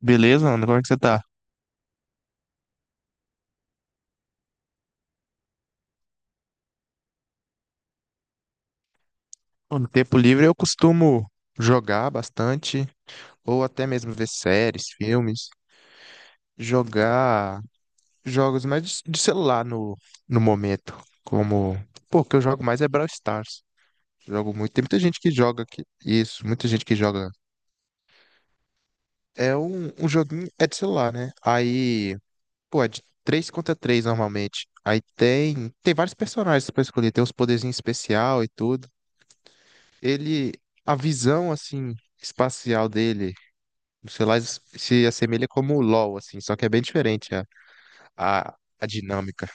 Beleza, Ana? Como é que você tá? Bom, no tempo livre eu costumo jogar bastante, ou até mesmo ver séries, filmes, jogar jogos mais de celular no momento. Como, pô, o que eu jogo mais é Brawl Stars. Jogo muito. Tem muita gente que joga aqui. Isso, muita gente que joga. É um joguinho, é de celular, né? Aí, pô, é de 3 contra 3 normalmente. Aí tem vários personagens pra escolher, tem uns poderzinhos especial e tudo. Ele, a visão assim espacial dele, sei lá, se assemelha como o LoL assim, só que é bem diferente a dinâmica.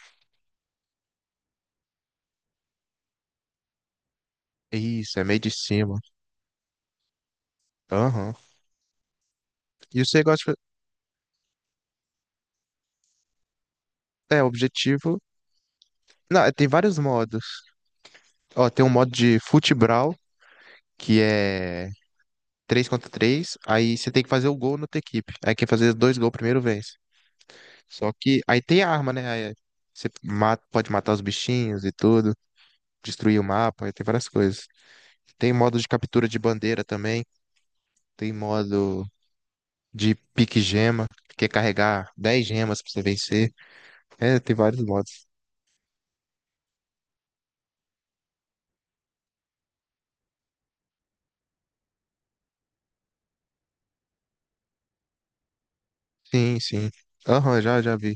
Isso, é meio de cima. Aham. E você gosta é objetivo. Não, é, tem vários modos. Ó, tem um modo de futebral que é 3 contra três, aí você tem que fazer o gol na outra equipe. Aí quem fazer dois gols primeiro vence. Só que aí tem arma, né? Aí você mata, pode matar os bichinhos e tudo, destruir o mapa, aí tem várias coisas. Tem modo de captura de bandeira também. Tem modo de pique gema, que é carregar 10 gemas pra você vencer. É, tem vários modos. Sim, sim. Aham, já, já vi.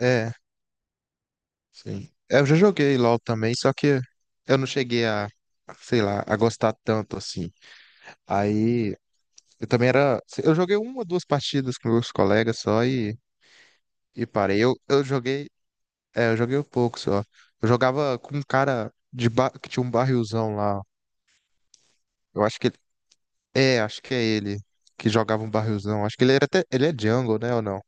É, sim. É, eu já joguei LOL também, só que eu não cheguei a, sei lá, a gostar tanto assim. Aí, eu também era. Eu joguei uma ou duas partidas com meus colegas só e parei. Eu joguei. É, eu joguei um pouco só. Eu jogava com um cara que tinha um barrilzão lá. Eu acho que ele- É, acho que é ele que jogava um barrilzão. Acho que ele era até. Ele é jungle, né? Ou não?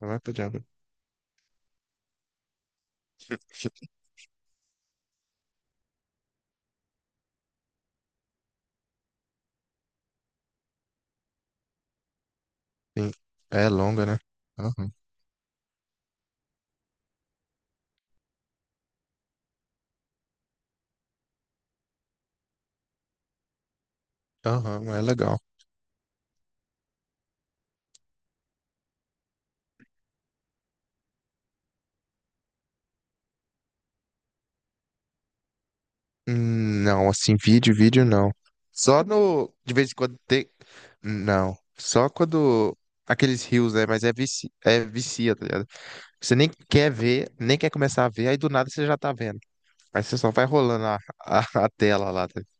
Não é pra jungle. Sim. É longa, né? Aham, aham, é legal. Não, assim, vídeo, vídeo não. Só no. De vez em quando tem. Não. Só quando. Aqueles rios, né? Mas é, vicia, tá ligado? Você nem quer ver, nem quer começar a ver, aí do nada você já tá vendo. Aí você só vai rolando a tela lá. Tá ligado?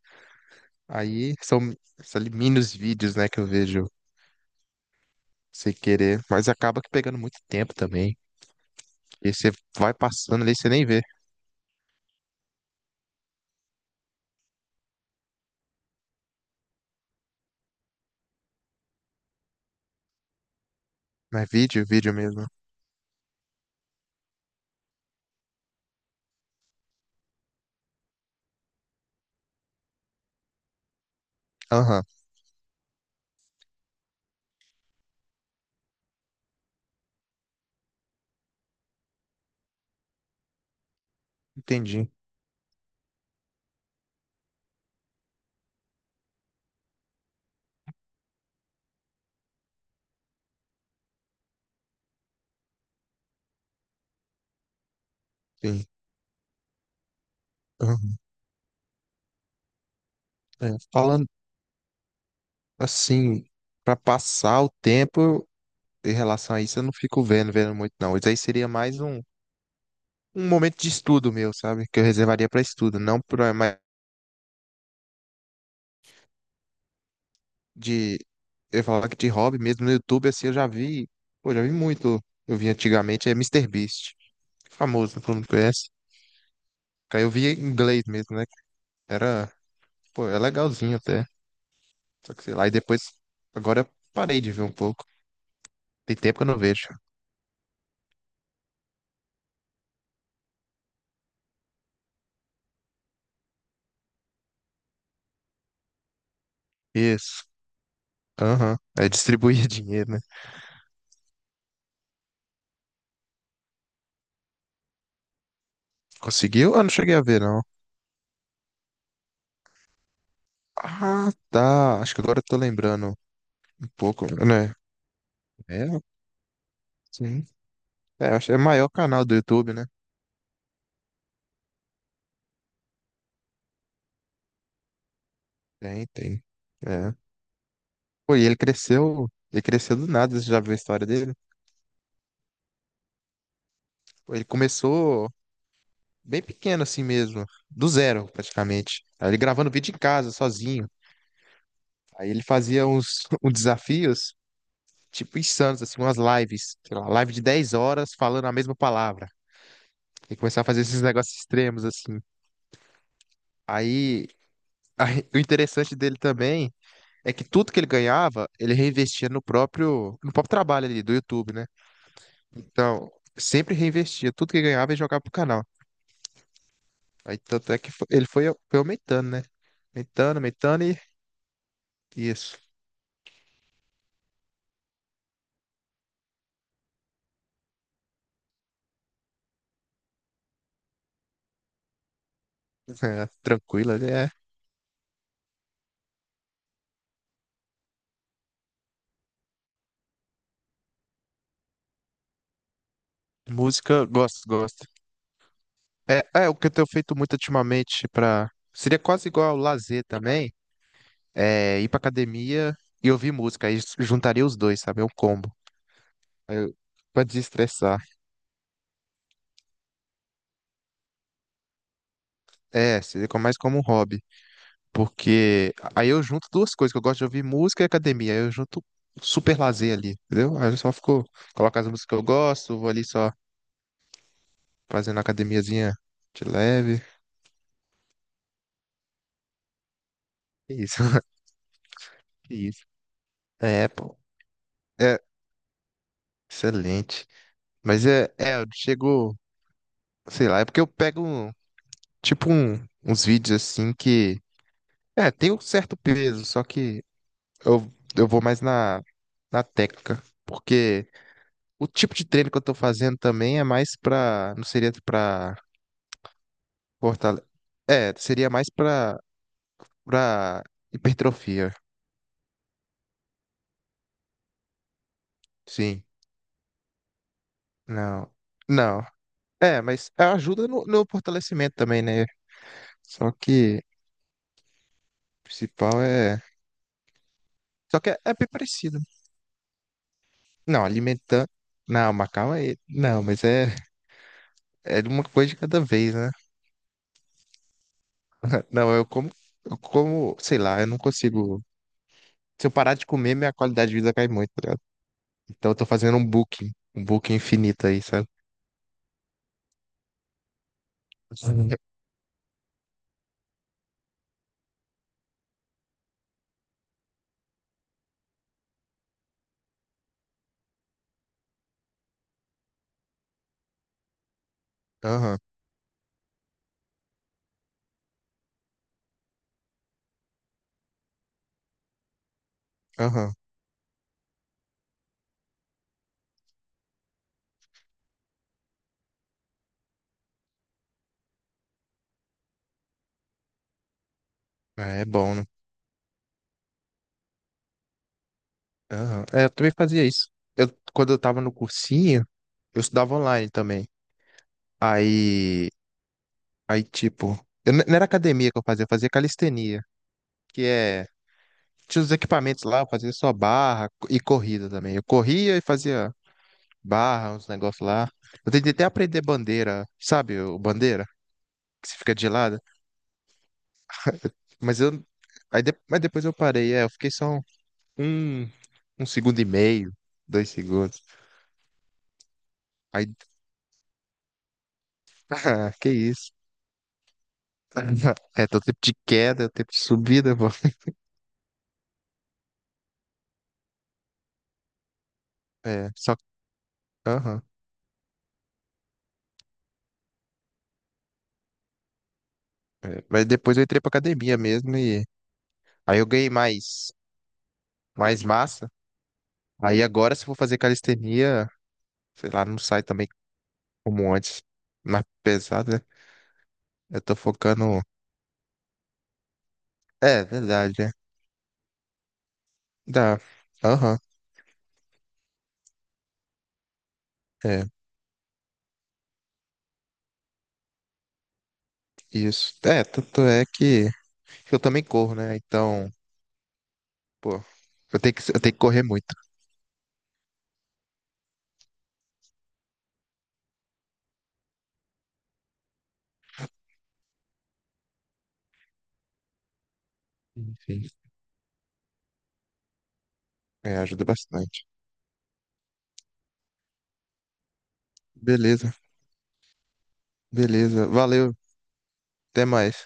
Aí são ali, mini os vídeos, né? Que eu vejo sem querer, mas acaba que pegando muito tempo também. E você vai passando ali, você nem vê. Mas vídeo, vídeo mesmo. Aham, entendi. Sim. Aham. É, falando assim, pra passar o tempo em relação a isso, eu não fico vendo muito não. Isso aí seria mais um momento de estudo meu, sabe? Que eu reservaria pra estudo, não pra mais de eu ia que de hobby mesmo no YouTube assim, eu já vi, pô, já vi muito. Eu vi antigamente é Mister Beast, famoso, todo mundo conhece. Aí eu via em inglês mesmo, né? Era Pô, é legalzinho até. Só que sei lá, e depois. Agora eu parei de ver um pouco. Tem tempo que eu não vejo. Isso. Aham. É distribuir dinheiro, né? Conseguiu? Ah, não cheguei a ver, não. Ah, tá. Acho que agora eu tô lembrando um pouco, né? É, sim. É, acho que é o maior canal do YouTube, né? Tem, tem. É. Pô, e ele cresceu. Ele cresceu do nada, você já viu a história dele? Pô, ele começou bem pequeno assim mesmo. Do zero, praticamente. Aí ele gravando vídeo em casa, sozinho. Aí ele fazia uns, uns desafios. Tipo, insanos, assim, umas lives, sei lá, live de 10 horas falando a mesma palavra. E começar a fazer esses negócios extremos, assim. Aí, aí, o interessante dele também é que tudo que ele ganhava, ele reinvestia no próprio trabalho ali do YouTube, né? Então, sempre reinvestia, tudo que ganhava e jogava pro canal. Aí, tanto é que ele foi, foi aumentando, né? Aumentando, aumentando e isso. É, tranquilo, ele é. Música, gosto, gosto. É, é o que eu tenho feito muito ultimamente para Seria quase igual ao lazer também, é, ir pra academia e ouvir música. Aí juntaria os dois, sabe? É um combo. Aí eu- Pra desestressar. É, seria mais como um hobby. Porque aí eu junto duas coisas, que eu gosto de ouvir música e academia. Aí eu junto super lazer ali, entendeu? Aí eu só fico, coloco as músicas que eu gosto, vou ali só fazendo a academiazinha de leve. Que isso, que isso. É, pô. É, excelente. Mas é, eu chego, sei lá, é porque eu pego, um, tipo, uns vídeos assim que é, tem um certo peso, só que eu, eu vou mais na técnica, porque o tipo de treino que eu tô fazendo também é mais pra, não seria pra fortalecer, é, seria mais pra, pra hipertrofia, sim, não, não, é, mas ajuda no fortalecimento também, né, só que o principal é, só que é bem parecido, não, alimentando, não, mas calma aí, não, mas é uma coisa de cada vez, né? Não, eu como, sei lá, eu não consigo. Se eu parar de comer, minha qualidade de vida cai muito, tá ligado? Então eu tô fazendo um booking infinito aí, sabe? Uhum. Aham, aham. É bom, né? Aham. É, eu também fazia isso. Eu, quando eu tava no cursinho, eu estudava online também. Aí, aí tipo, não era academia que eu fazia calistenia, que é, tinha os equipamentos lá, eu fazia só barra e corrida também. Eu corria e fazia barra, uns negócios lá. Eu tentei até aprender bandeira, sabe? O bandeira, que se fica de lado. Mas eu. Mas depois eu parei, é, eu fiquei só um, um segundo e meio, 2 segundos. Aí, ah, que isso? É, tem o tempo de queda, tem o tempo de subida, pô. É, só. Aham. É, mas depois eu entrei pra academia mesmo e. Aí eu ganhei mais massa. Aí agora, se eu for fazer calistenia, sei lá, não sai também como antes. Mais pesado, né? Eu tô focando. É, verdade, é. Dá. Aham, é, isso. É, tanto é que eu também corro, né? Então, pô, eu tenho que correr muito. Enfim, é, ajuda bastante. Beleza, beleza. Valeu, até mais.